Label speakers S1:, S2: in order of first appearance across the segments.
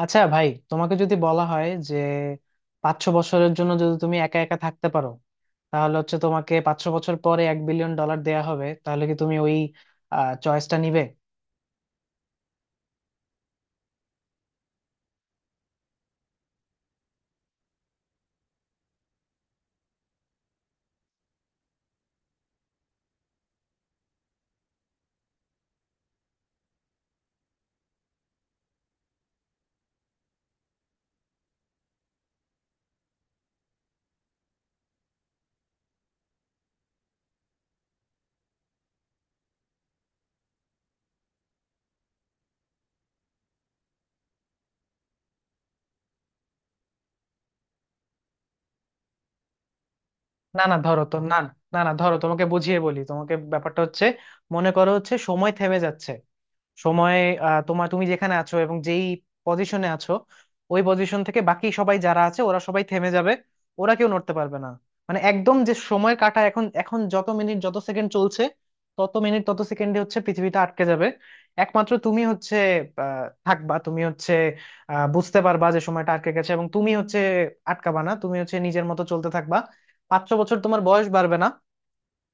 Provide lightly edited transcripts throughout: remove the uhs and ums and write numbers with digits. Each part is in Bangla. S1: আচ্ছা ভাই, তোমাকে যদি বলা হয় যে 5-6 বছরের জন্য যদি তুমি একা একা থাকতে পারো, তাহলে হচ্ছে তোমাকে 5-6 বছর পরে 1 বিলিয়ন ডলার দেয়া হবে, তাহলে কি তুমি ওই চয়েসটা নিবে? না না, ধরো তো না। না না, ধরো তোমাকে বুঝিয়ে বলি, তোমাকে ব্যাপারটা হচ্ছে মনে করো হচ্ছে সময় থেমে যাচ্ছে। সময়ে তোমার তুমি যেখানে আছো এবং যেই পজিশনে আছো, ওই পজিশন থেকে বাকি সবাই যারা আছে ওরা সবাই থেমে যাবে। ওরা কেউ নড়তে পারবে না। মানে একদম যে সময় কাটা এখন এখন যত মিনিট যত সেকেন্ড চলছে, তত মিনিট তত সেকেন্ডে হচ্ছে পৃথিবীটা আটকে যাবে। একমাত্র তুমি হচ্ছে থাকবা, তুমি হচ্ছে বুঝতে পারবা যে সময়টা আটকে গেছে, এবং তুমি হচ্ছে আটকাবা না, তুমি হচ্ছে নিজের মতো চলতে থাকবা। 5-6 বছর তোমার বয়স বাড়বে না,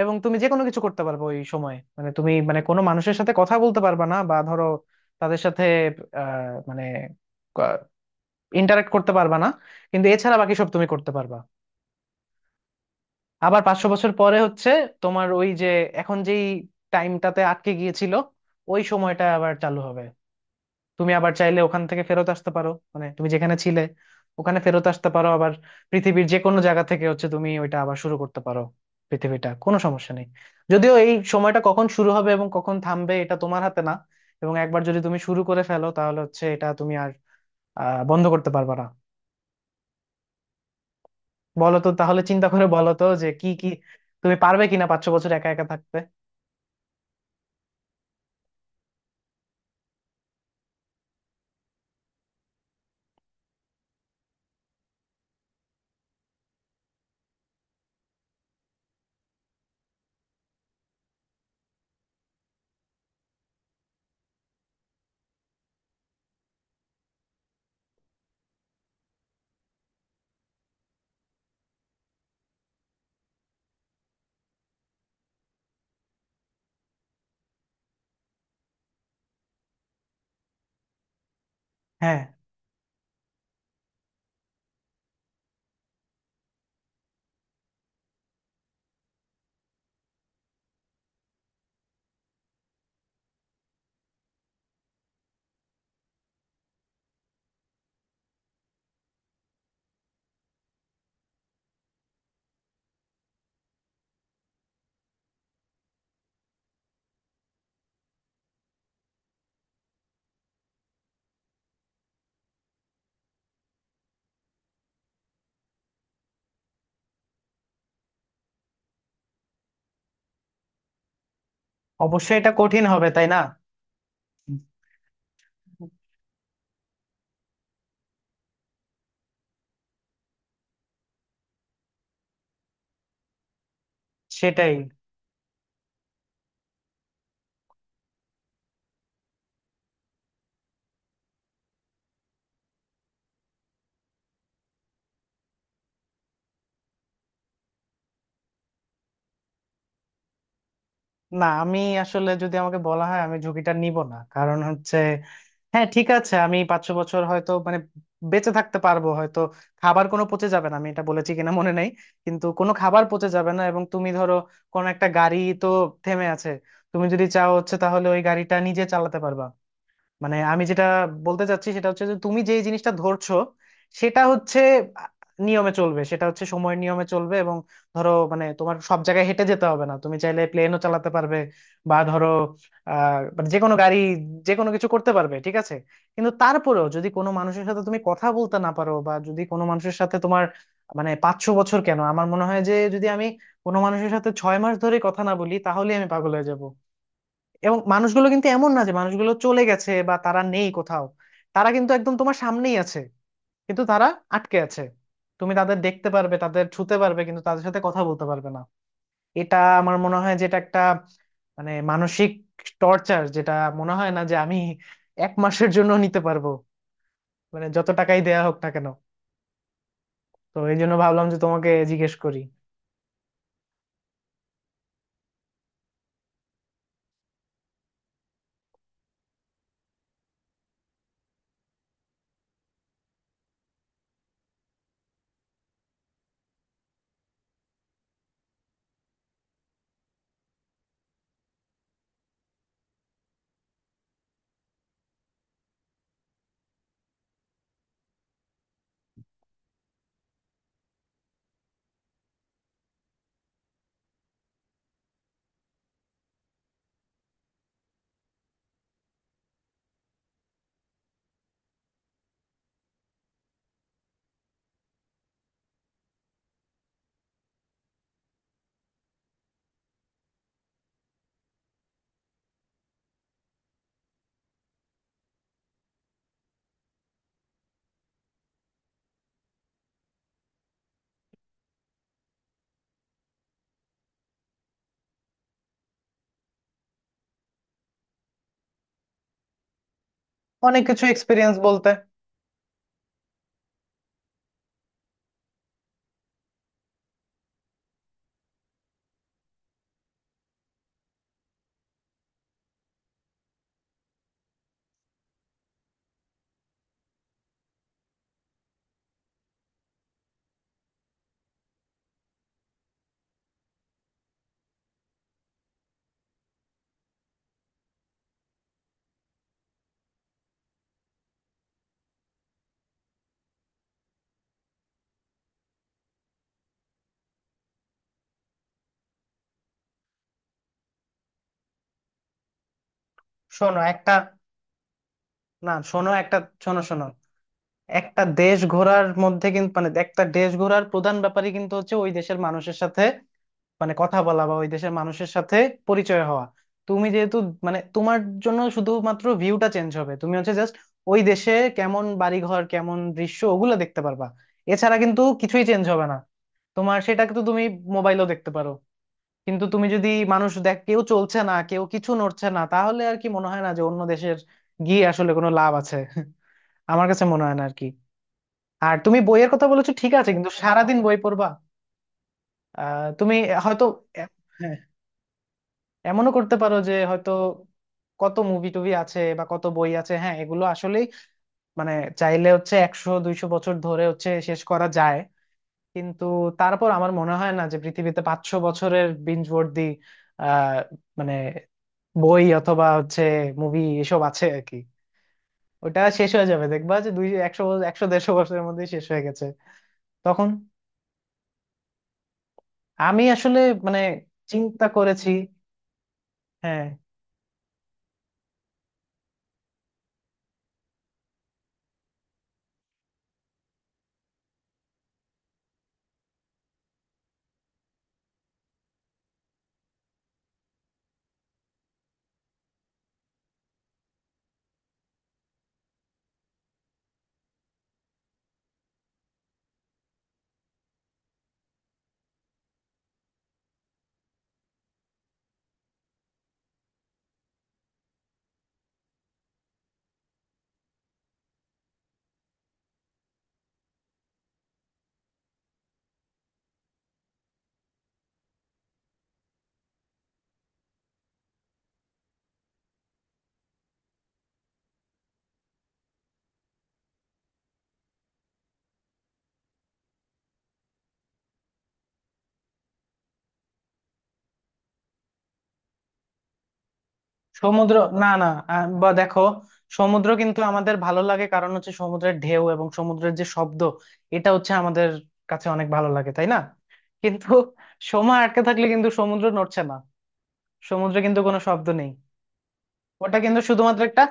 S1: এবং তুমি যে কোনো কিছু করতে পারবে ওই সময়ে। মানে তুমি মানে কোনো মানুষের সাথে কথা বলতে পারবা না, বা ধরো তাদের সাথে মানে ইন্টারাক্ট করতে পারবা না। কিন্তু এছাড়া বাকি সব তুমি করতে পারবা। আবার 500 বছর পরে হচ্ছে তোমার ওই যে এখন যেই টাইমটাতে আটকে গিয়েছিল, ওই সময়টা আবার চালু হবে। তুমি আবার চাইলে ওখান থেকে ফেরত আসতে পারো, মানে তুমি যেখানে ছিলে ওখানে ফেরত আসতে পারো আবার। পৃথিবীর যে কোনো জায়গা থেকে হচ্ছে তুমি ওইটা আবার শুরু করতে পারো, পৃথিবীটা কোনো সমস্যা নেই। যদিও এই সময়টা কখন শুরু হবে এবং কখন থামবে, এটা তোমার হাতে না। এবং একবার যদি তুমি শুরু করে ফেলো, তাহলে হচ্ছে এটা তুমি আর বন্ধ করতে পারবে না। বলো তো, তাহলে চিন্তা করে বলো তো যে কি কি, তুমি পারবে কিনা 5-6 বছর একা একা থাকতে। হ্যাঁ, অবশ্যই এটা কঠিন হবে, তাই না? সেটাই। না, আমি আসলে, যদি আমাকে বলা হয় আমি ঝুঁকিটা নিব না, কারণ হচ্ছে, হ্যাঁ, ঠিক আছে, আমি 500 বছর হয়তো মানে বেঁচে থাকতে পারবো হয়তো। খাবার কোনো পচে যাবে না, আমি এটা বলেছি কিনা মনে নেই, কিন্তু কোনো খাবার পচে যাবে না। এবং তুমি ধরো কোন একটা গাড়ি তো থেমে আছে, তুমি যদি চাও হচ্ছে তাহলে ওই গাড়িটা নিজে চালাতে পারবা। মানে আমি যেটা বলতে চাচ্ছি সেটা হচ্ছে যে তুমি যেই জিনিসটা ধরছো সেটা হচ্ছে নিয়মে চলবে, সেটা হচ্ছে সময়ের নিয়মে চলবে। এবং ধরো মানে তোমার সব জায়গায় হেঁটে যেতে হবে না, তুমি চাইলে প্লেনও চালাতে পারবে, বা ধরো মানে যে কোনো গাড়ি, যে কোনো কিছু করতে পারবে, ঠিক আছে। কিন্তু তারপরেও যদি কোনো মানুষের সাথে তুমি কথা বলতে না পারো, বা যদি কোনো মানুষের সাথে তোমার মানে, 5-6 বছর কেন, আমার মনে হয় যে যদি আমি কোনো মানুষের সাথে 6 মাস ধরে কথা না বলি, তাহলে আমি পাগল হয়ে যাব। এবং মানুষগুলো কিন্তু এমন না যে মানুষগুলো চলে গেছে বা তারা নেই কোথাও, তারা কিন্তু একদম তোমার সামনেই আছে, কিন্তু তারা আটকে আছে। তুমি তাদের দেখতে পারবে, তাদের ছুতে পারবে, কিন্তু তাদের সাথে কথা বলতে পারবে না। এটা আমার মনে হয় যেটা একটা, মানে মানসিক টর্চার, যেটা মনে হয় না যে আমি 1 মাসের জন্য নিতে পারবো, মানে যত টাকাই দেয়া হোক না কেন। তো এই জন্য ভাবলাম যে তোমাকে জিজ্ঞেস করি। অনেক কিছু এক্সপিরিয়েন্স বলতে? শোনো একটা, না শোনো একটা, শোনো শোনো, একটা দেশ ঘোরার মধ্যে কিন্তু, মানে একটা দেশ ঘোরার প্রধান ব্যাপারই কিন্তু হচ্ছে ওই দেশের মানুষের সাথে মানে কথা বলা, বা ওই দেশের মানুষের সাথে পরিচয় হওয়া। তুমি যেহেতু মানে তোমার জন্য শুধুমাত্র ভিউটা চেঞ্জ হবে, তুমি হচ্ছে জাস্ট ওই দেশে কেমন বাড়িঘর কেমন দৃশ্য ওগুলো দেখতে পারবা, এছাড়া কিন্তু কিছুই চেঞ্জ হবে না তোমার। সেটা কিন্তু তুমি মোবাইলও দেখতে পারো। কিন্তু তুমি যদি মানুষ দেখ কেউ চলছে না, কেউ কিছু নড়ছে না, তাহলে আর কি মনে হয় না যে অন্য দেশের গিয়ে আসলে কোনো লাভ আছে? আমার কাছে মনে হয় না আর কি। আর তুমি বইয়ের কথা বলেছো, ঠিক আছে, কিন্তু সারাদিন বই পড়বা? তুমি হয়তো এ- হ্যাঁ, এমনও করতে পারো যে হয়তো কত মুভি টুভি আছে বা কত বই আছে, হ্যাঁ এগুলো আসলেই মানে চাইলে হচ্ছে 100-200 বছর ধরে হচ্ছে শেষ করা যায়। কিন্তু তারপর আমার মনে হয় না যে পৃথিবীতে 500 বছরের বিঞ্জবর্দি আহ মানে বই অথবা হচ্ছে মুভি এসব আছে আর কি। ওটা শেষ হয়ে যাবে, দেখবা যে দুই একশো, একশো দেড়শো বছরের মধ্যে শেষ হয়ে গেছে। তখন আমি আসলে মানে চিন্তা করেছি। হ্যাঁ সমুদ্র, না না, বা দেখো, সমুদ্র কিন্তু আমাদের ভালো লাগে কারণ হচ্ছে সমুদ্রের ঢেউ এবং সমুদ্রের যে শব্দ, এটা হচ্ছে আমাদের কাছে অনেক ভালো লাগে, তাই না? কিন্তু সময় আটকে থাকলে কিন্তু সমুদ্র নড়ছে না, সমুদ্রে কিন্তু কোনো শব্দ নেই। ওটা কিন্তু শুধুমাত্র একটা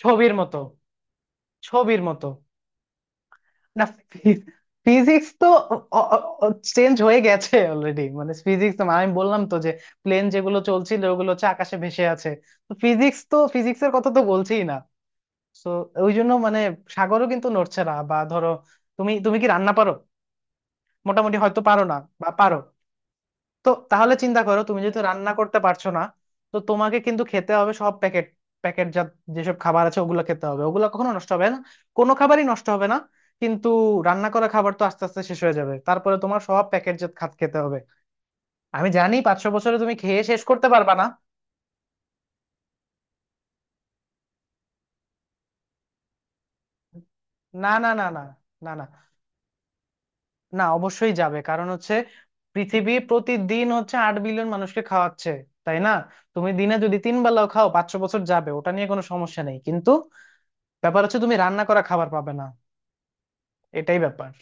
S1: ছবির মতো, ছবির মতো। না, ফিজিক্স তো চেঞ্জ হয়ে গেছে অলরেডি, মানে ফিজিক্স তো আমি বললাম তো যে প্লেন যেগুলো চলছিল ওগুলো হচ্ছে আকাশে ভেসে আছে। তো ফিজিক্স তো, ফিজিক্সের কথা তো বলছিই না। তো ওই জন্য মানে সাগরও কিন্তু নড়ছে না। বা ধরো, তুমি তুমি কি রান্না পারো? মোটামুটি, হয়তো পারো না, বা পারো। তো তাহলে চিন্তা করো, তুমি যেহেতু রান্না করতে পারছো না, তো তোমাকে কিন্তু খেতে হবে সব প্যাকেট, প্যাকেট যা যেসব খাবার আছে ওগুলো খেতে হবে। ওগুলো কখনো নষ্ট হবে না, কোনো খাবারই নষ্ট হবে না। কিন্তু রান্না করা খাবার তো আস্তে আস্তে শেষ হয়ে যাবে, তারপরে তোমার সব প্যাকেট জাত খাত খেতে হবে। আমি জানি পাঁচ ছ বছরে তুমি খেয়ে শেষ করতে পারবা না না না না, না না না, না অবশ্যই যাবে, কারণ হচ্ছে পৃথিবী প্রতিদিন হচ্ছে 8 বিলিয়ন মানুষকে খাওয়াচ্ছে, তাই না? তুমি দিনে যদি 3 বেলাও খাও, 500 বছর যাবে, ওটা নিয়ে কোনো সমস্যা নেই। কিন্তু ব্যাপার হচ্ছে তুমি রান্না করা খাবার পাবে না, এটাই ব্যাপার।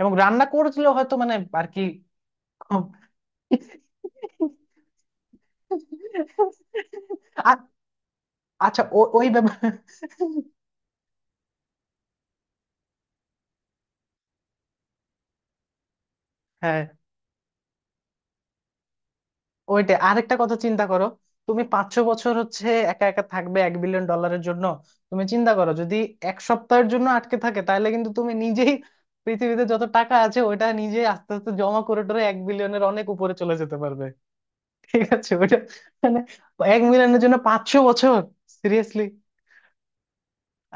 S1: এবং রান্না করলেও হয়তো মানে আর কি, খুব আ- আচ্ছা, ওই ব্যাপার। হ্যাঁ, ওইটা আরেকটা কথা চিন্তা করো। তুমি পাঁচশো বছর হচ্ছে একা একা থাকবে 1 বিলিয়ন ডলারের জন্য, তুমি চিন্তা করো যদি 1 সপ্তাহের জন্য আটকে থাকে, তাহলে কিন্তু তুমি নিজেই পৃথিবীতে যত টাকা আছে ওটা নিজে আস্তে আস্তে জমা করে টরে 1 বিলিয়নের অনেক উপরে চলে যেতে পারবে। ঠিক আছে, ওইটা মানে 1 মিলিয়নের জন্য পাঁচশো বছর, সিরিয়াসলি!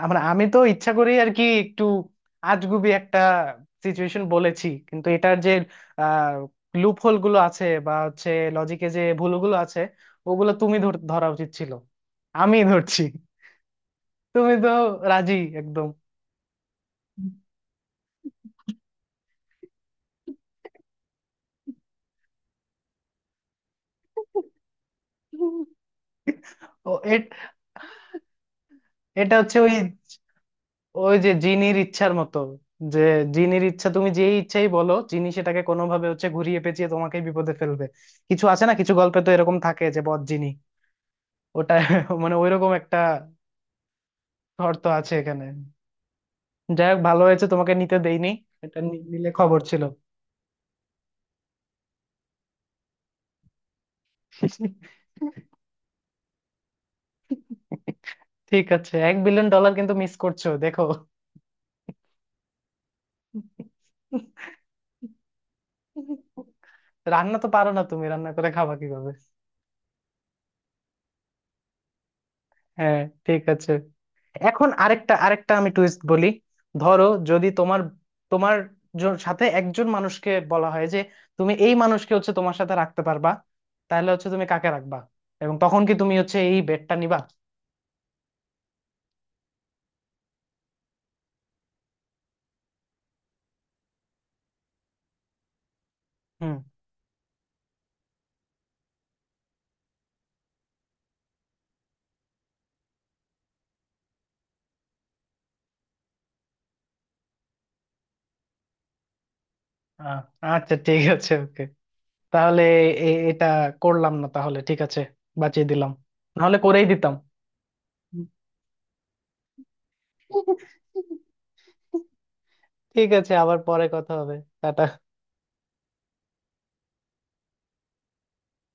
S1: আমি তো ইচ্ছা করেই আর কি একটু আজগুবি একটা সিচুয়েশন বলেছি, কিন্তু এটার যে আহ লুপ হোল গুলো আছে, বা হচ্ছে লজিকে যে ভুলগুলো আছে, ওগুলো তুমি ধরা উচিত ছিল। আমি ধরছি, তুমি তো রাজি, একদম! ও এটা হচ্ছে ওই, ওই যে জিনির ইচ্ছার মতো। যে জিনির ইচ্ছা, তুমি যেই ইচ্ছাই বলো, জিনি সেটাকে কোনোভাবে হচ্ছে ঘুরিয়ে পেঁচিয়ে তোমাকে বিপদে ফেলবে। কিছু আছে না কিছু গল্পে তো এরকম থাকে যে বদ জিনি। ওটা মানে ওইরকম একটা শর্ত আছে এখানে। যাই হোক, ভালো হয়েছে তোমাকে নিতে দেইনি। এটা নিলে খবর ছিল। ঠিক আছে, 1 বিলিয়ন ডলার কিন্তু মিস করছো, দেখো। রান্না তো পারো না তুমি, রান্না করে খাবা কিভাবে? হ্যাঁ, ঠিক আছে। এখন আরেকটা আরেকটা আমি টুইস্ট বলি। ধরো যদি তোমার তোমার সাথে একজন মানুষকে বলা হয় যে তুমি এই মানুষকে হচ্ছে তোমার সাথে রাখতে পারবা, তাহলে হচ্ছে তুমি কাকে রাখবা? এবং তখন কি তুমি হচ্ছে এই বেডটা নিবা? হুম, আ- আচ্ছা, ঠিক আছে, ওকে, তাহলে এটা করলাম না তাহলে, ঠিক আছে, বাঁচিয়ে দিলাম। নাহলে করেই দিতাম। ঠিক আছে, আবার পরে কথা হবে। টাটা।